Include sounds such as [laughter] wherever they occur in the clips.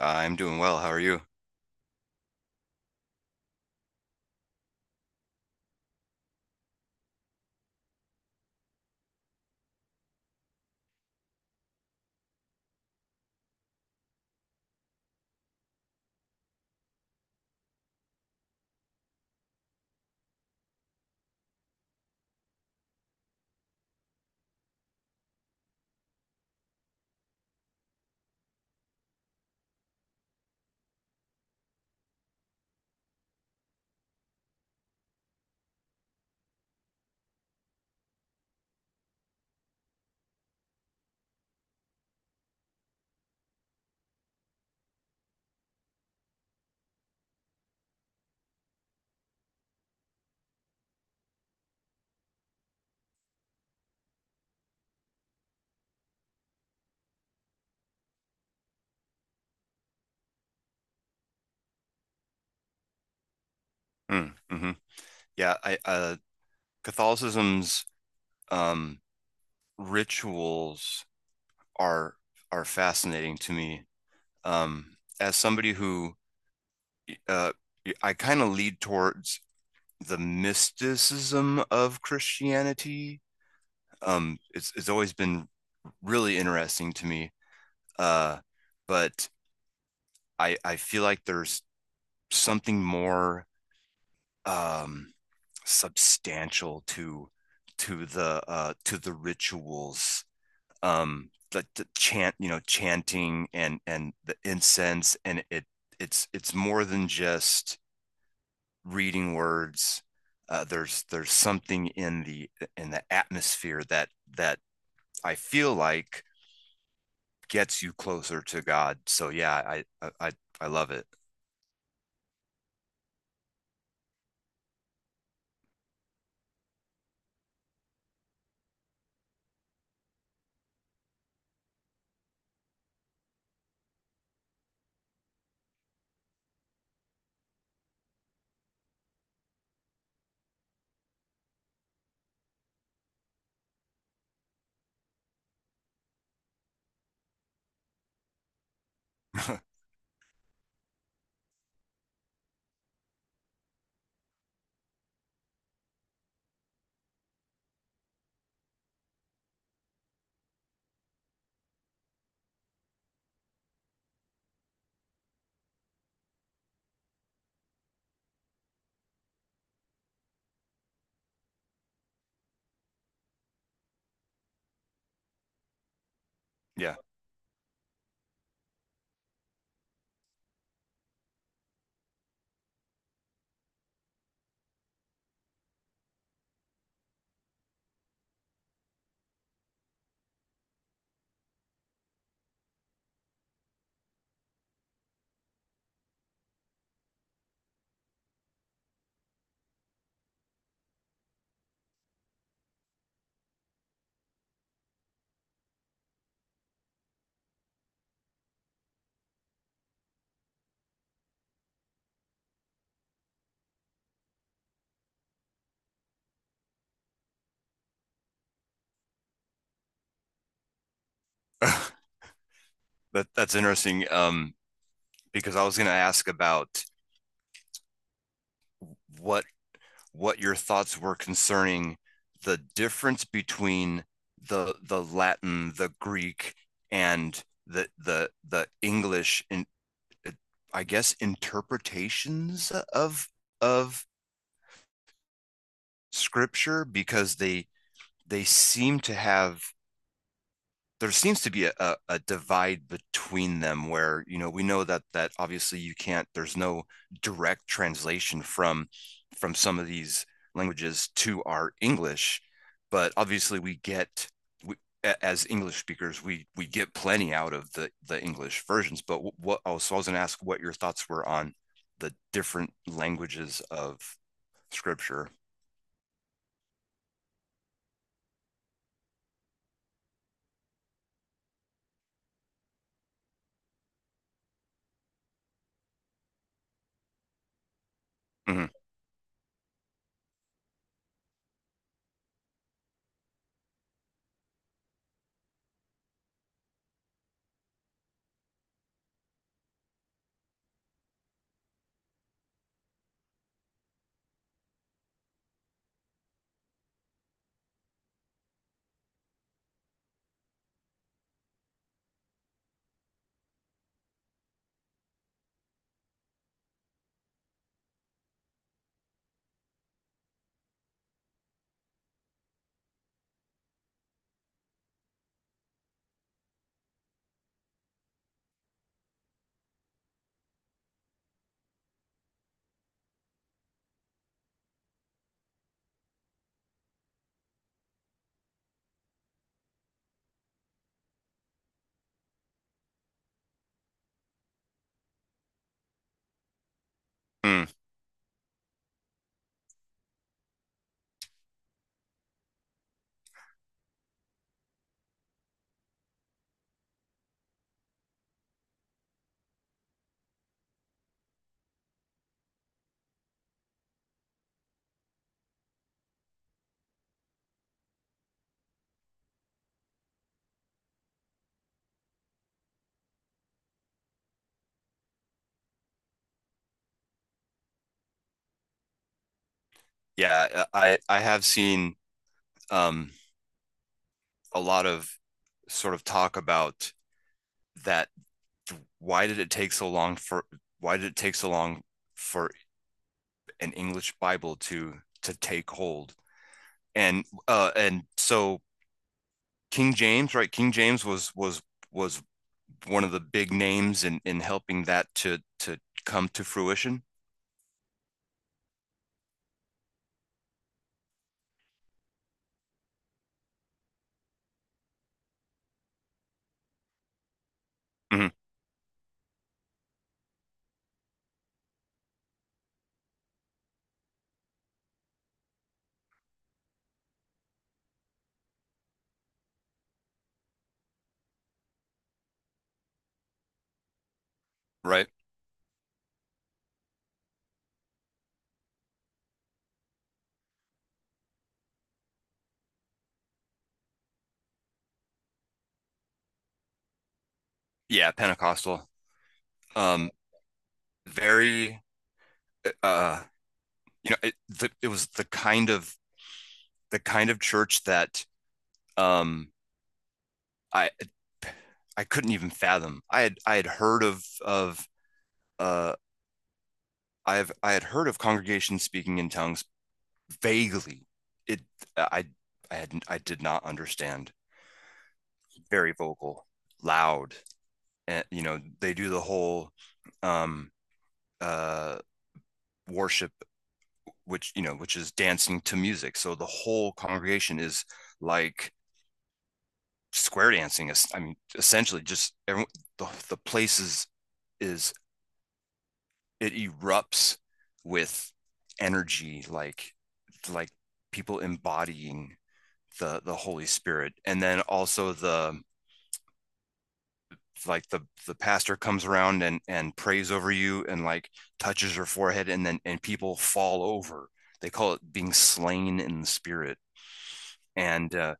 I'm doing well. How are you? Mm, hmm Yeah, I Catholicism's um rituals are are fascinating to me. As somebody who uh I kind of lead towards the mysticism of Christianity. It's always been really interesting to me. Uh but I feel like there's something more um substantial to to the rituals . The chant, chanting and the incense, and it's more than just reading words. There's something in the atmosphere that that I feel like gets you closer to God. So yeah, I love it. [laughs] Yeah, [laughs] that that's interesting. Because I was gonna ask about what what your thoughts were concerning the difference between the Latin, the Greek, and the English in, I guess, interpretations of of scripture, because they seem to have, there seems to be a divide between them, where you know we know that obviously you can't, there's no direct translation from some of these languages to our English, but obviously we, as English speakers, we get plenty out of the English versions, but so I was going to ask what your thoughts were on the different languages of scripture. Mhm. Mm. Yeah, I have seen um a lot of sort of talk about that. why did it take so long for why did it take so long for an English Bible to take hold? And so King James, right? King James was one of the big names in helping that to come to fruition. Mm-hmm. Right? Yeah, Pentecostal. Um very uh you know it was the kind of church that um I I couldn't even fathom. I had heard of uh I've I had heard of congregations speaking in tongues vaguely. It I I did not understand. Very vocal, loud, and you know they do the whole um uh worship, which which is dancing to music. So the whole congregation is like square dancing, I mean essentially, just everyone, the place is is it erupts with energy, like people embodying the Holy Spirit, and then also the, like the pastor comes around and prays over you, and like touches your forehead, and then and people fall over. They call it being slain in the Spirit. And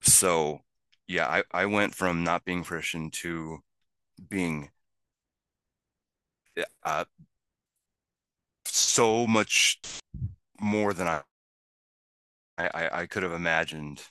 so yeah, I went from not being Christian to being, uh, so much more than I could have imagined.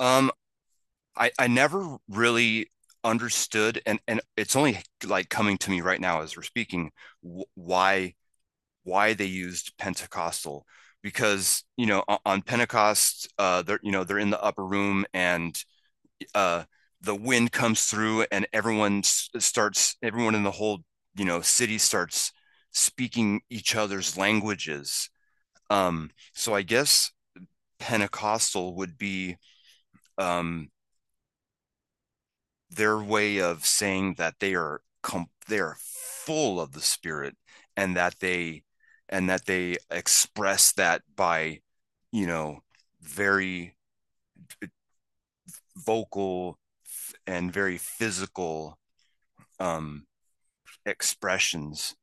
Um I, I never really understood, and it's only like coming to me right now, as we're speaking, wh- why why they used Pentecostal. Because you know on Pentecost, they're, you know, they're in the upper room, and uh the wind comes through, and everyone in the whole, you know, city starts speaking each other's languages. So I guess Pentecostal would be um their way of saying that they are they are full of the Spirit, and that they express that by, you know, very vocal and very physical um expressions.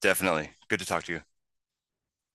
Definitely good to talk to you.